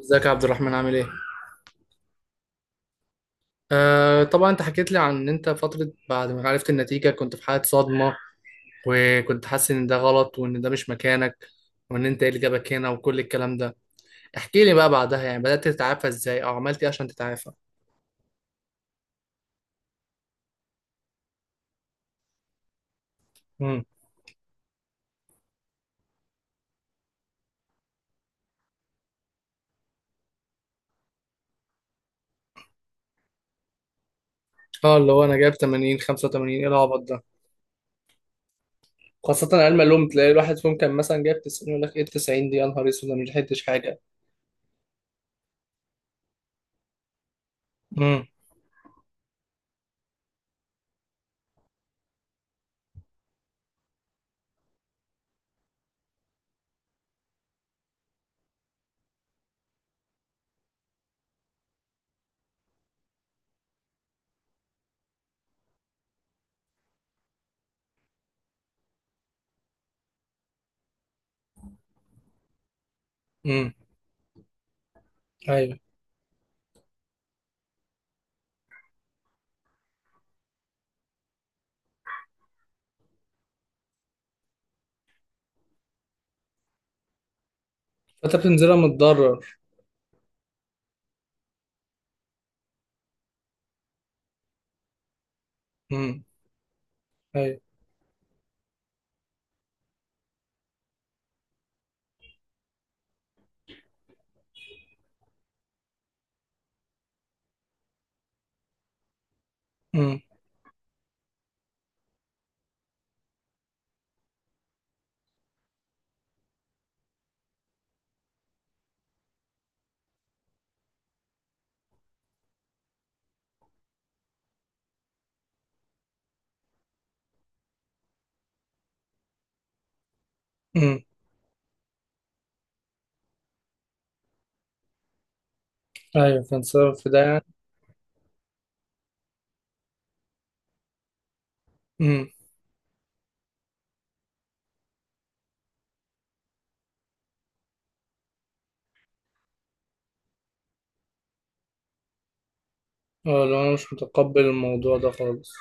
ازيك يا عبد الرحمن، عامل ايه؟ آه طبعا، انت حكيت لي عن ان انت فترة بعد ما عرفت النتيجة كنت في حالة صدمة، وكنت حاسس ان ده غلط وان ده مش مكانك، وان انت ايه اللي جابك هنا وكل الكلام ده. احكي لي بقى بعدها، يعني بدأت تتعافى ازاي او عملت ايه عشان تتعافى؟ امم. اه، اللي هو انا جايب 80 85 ايه العبط ده؟ خاصة علم العلوم، تلاقي الواحد فيهم كان مثلا جايب 90 يقول لك ايه، 90 دي يا نهار اسود، انا مش لحقتش حاجة. امم. امم. ايوه. فانت بتنزلها متضرر. امم. ايوه. امم. امم. ايوه، فانصرف في ده يعني. مم. اه، لو انا مش متقبل الموضوع ده خالص.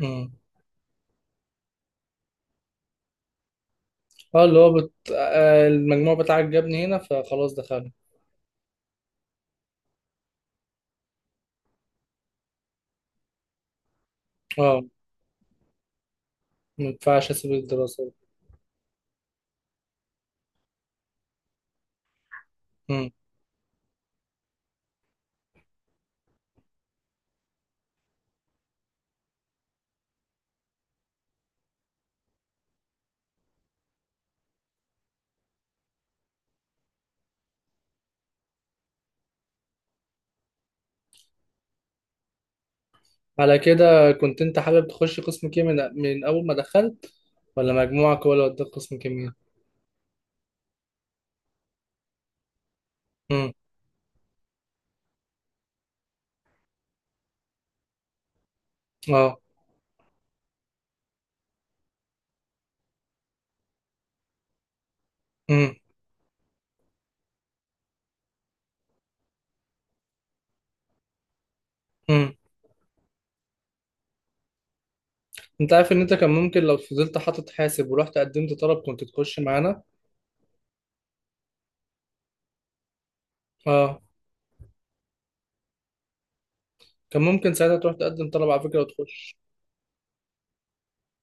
امم. اه، اللي هو بت... آه، المجموع بتاعك جابني هنا، فخلاص دخلنا. اه، ما ينفعش اسيب الدراسة. امم. على كده، كنت انت حابب تخش قسم كيمياء من اول ما دخلت، ولا مجموعك هو اللي وداك قسم كيمياء؟ امم. اه. امم. امم. انت عارف ان انت كان ممكن لو فضلت حاطط حاسب ورحت قدمت طلب كنت تخش معانا. اه، كان ممكن ساعتها تروح تقدم طلب على فكرة وتخش.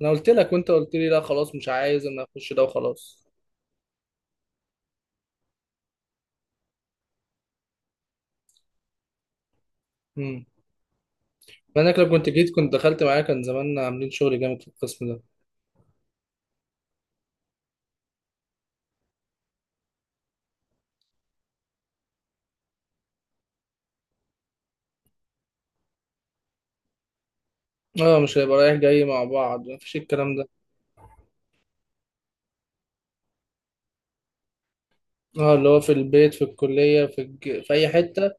انا قلت لك وانت قلت لي لا خلاص مش عايز، انا اخش ده وخلاص. امم. ما انك لو كنت جيت كنت دخلت معايا، كان زماننا عاملين شغل جامد في القسم ده. اه، مش هيبقى رايح جاي مع بعض، مفيش الكلام ده. اه، اللي هو في البيت، في الكلية، في اي حتة.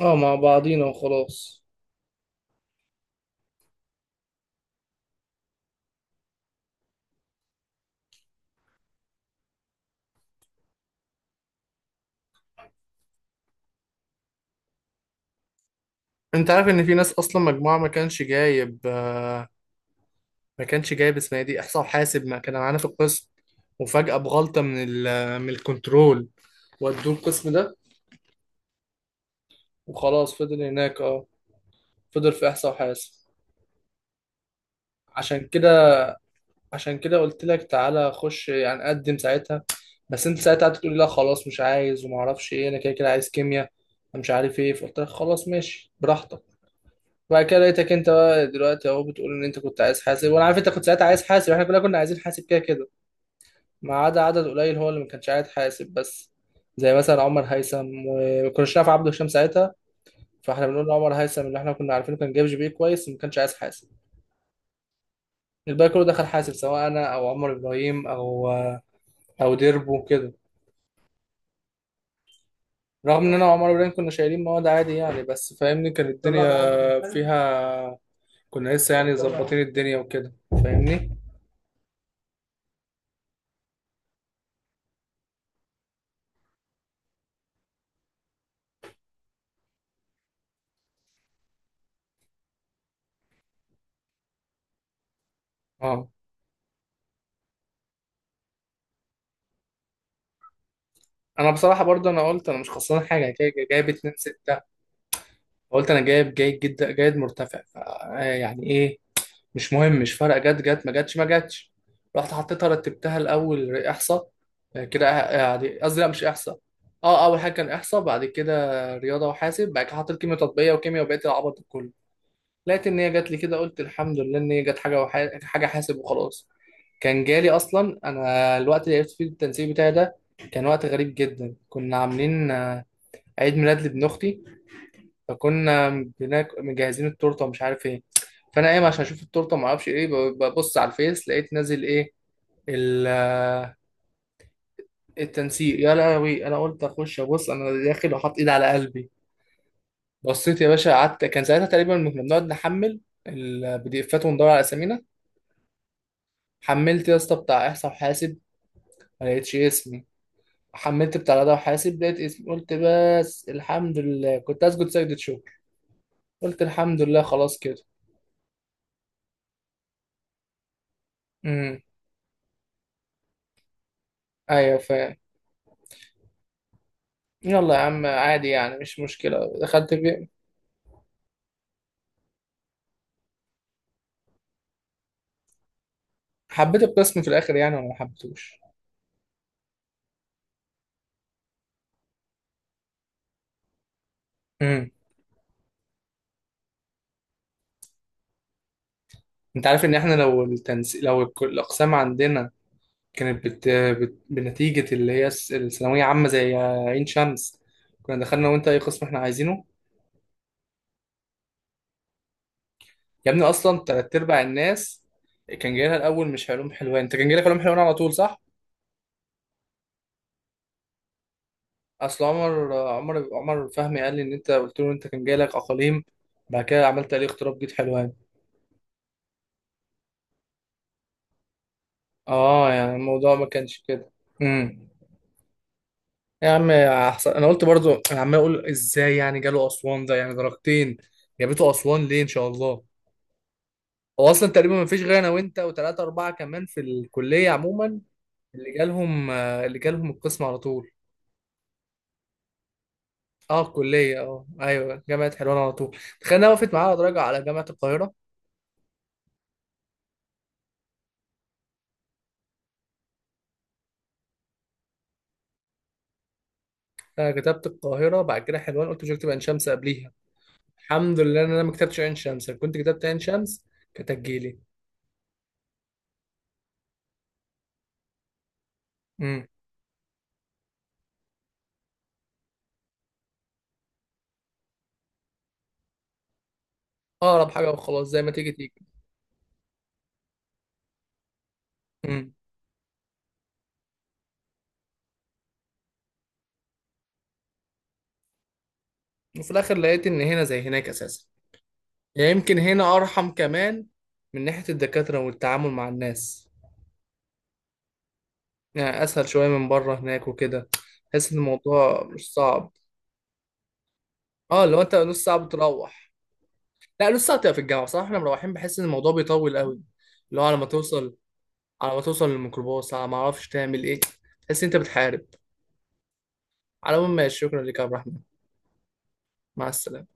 اه، مع بعضينا وخلاص. انت عارف ان في ناس اصلا مجموعه ما كانش جايب، ما كانش جايب اسمها دي احصاء وحاسب، ما كان معانا في القسم. وفجاه بغلطه من الكنترول، ودوه القسم ده. وخلاص فضل هناك، اه فضل في احصاء وحاسب. عشان كده، عشان كده قلت لك تعالى خش، يعني قدم ساعتها. بس انت ساعتها قعدت تقول لي لا خلاص مش عايز، وما اعرفش ايه، انا كده كده عايز كيمياء، انا مش عارف ايه. فقلت لك خلاص ماشي براحتك. وبعد كده لقيتك انت بقى دلوقتي اهو بتقول ان انت كنت عايز حاسب، وانا عارف انت كنت ساعتها عايز حاسب، احنا كلنا كنا عايزين حاسب كده كده. ما عدا عدد قليل هو اللي ما كانش عايز حاسب بس، زي مثلا عمر هيثم، وما كناش نعرف عبده هشام ساعتها. فاحنا بنقول لعمر هيثم اللي احنا كنا عارفينه كان جايب جي بي كويس وما كانش عايز حاسب. الباقي كله دخل حاسب، سواء انا او عمر ابراهيم او ديربو كده. رغم ان انا وعمر ورين كنا شايلين مواد عادي يعني، بس فاهمني كانت الدنيا فيها، كنا لسه يعني ظبطين الدنيا وكده، فاهمني. اه، انا بصراحه برضه، انا قلت انا مش خسران حاجه، أنا جايب 2.6. قلت انا جايب جيد جدا جيد مرتفع، يعني ايه، مش مهم، مش فارقه، جت جت ما جتش ما جتش. رحت حطيتها، رتبتها الاول احصاء، آه، كده آه، يعني قصدي لا مش احصاء، اه اول حاجه كان احصاء، بعد كده رياضه وحاسب، بعد كده حطيت كيمياء تطبيقيه وكيمياء وبقيت العبط ده كله. لقيت ان هي جات لي كده، قلت الحمد لله ان هي جت حاجه، حاجه حاسب وخلاص. كان جالي اصلا، انا الوقت اللي عرفت فيه التنسيق بتاعي ده كان وقت غريب جدا. كنا عاملين عيد ميلاد لابن اختي، فكنا مجهزين التورته ومش عارف ايه. فانا قايم عشان اشوف التورته، ما اعرفش ايه ببص على الفيس لقيت نازل ايه، ال... آه، التنسيق. يا لهوي، انا قلت اخش ابص، انا داخل وحاط ايد على قلبي. بصيت يا باشا، قعدت، كان ساعتها تقريبا كنا بنقعد نحمل البي دي افات وندور على اسامينا. حملت يا اسطى بتاع احصاء وحاسب، ما لقيتش اسمي. حملت بتاع رياضه وحاسب، لقيت اسمي، قلت بس الحمد لله، كنت اسجد سجدة شكر. قلت الحمد لله خلاص كده. امم. ايوه فاهم. يلا يا عم عادي يعني، مش مشكله دخلت في. حبيت القسم في الاخر يعني، ولا ما حبيتهوش؟ امم. انت عارف ان احنا لو الاقسام عندنا كانت بنتيجه اللي هي الثانويه عامه زي عين شمس، كنا دخلنا وانت اي قسم احنا عايزينه. يا ابني اصلا تلات ارباع الناس كان جاي لها الاول مش علوم حلوان. انت كان جاي لك علوم حلوان على طول صح؟ اصل عمر فهمي قال لي ان انت قلت له انت كان جاي لك اقاليم، بعد كده عملت عليه اغتراب جيت حلوان. اه، يعني الموضوع ما كانش كده. امم. يا عم يا حسن، انا قلت برضو، انا عمال اقول ازاي يعني جاله اسوان ده، يعني درجتين جابته اسوان ليه ان شاء الله. هو اصلا تقريبا ما فيش غير انا وانت وثلاثه اربعه كمان في الكليه عموما، اللي جالهم القسم على طول. اه كلية، اه ايوه جامعة حلوان على طول. تخيل انها وقفت معايا على درجة على جامعة القاهرة. انا كتبت القاهرة بعد كده حلوان، قلت مش هكتب عين شمس قبليها. الحمد لله ان انا ما كتبتش عين شمس، لو كنت كتبت عين شمس كانت هتجيلي. امم. اقرب حاجة وخلاص، زي ما تيجي تيجي. امم. وفي الاخر لقيت ان هنا زي هناك اساسا. يعني يمكن هنا ارحم كمان من ناحية الدكاترة والتعامل مع الناس، يعني اسهل شوية من بره هناك وكده، تحس ان الموضوع مش صعب. اه لو انت نص ساعة بتروح. لا لسه هتبقى في الجامعه بصراحه، احنا مروحين بحس ان الموضوع بيطول قوي، اللي هو على ما توصل، على ما توصل للميكروباص، على ما اعرفش تعمل ايه، تحس إن انت بتحارب. على العموم ماشي، شكرا لك يا عبد الرحمن. مع السلامه.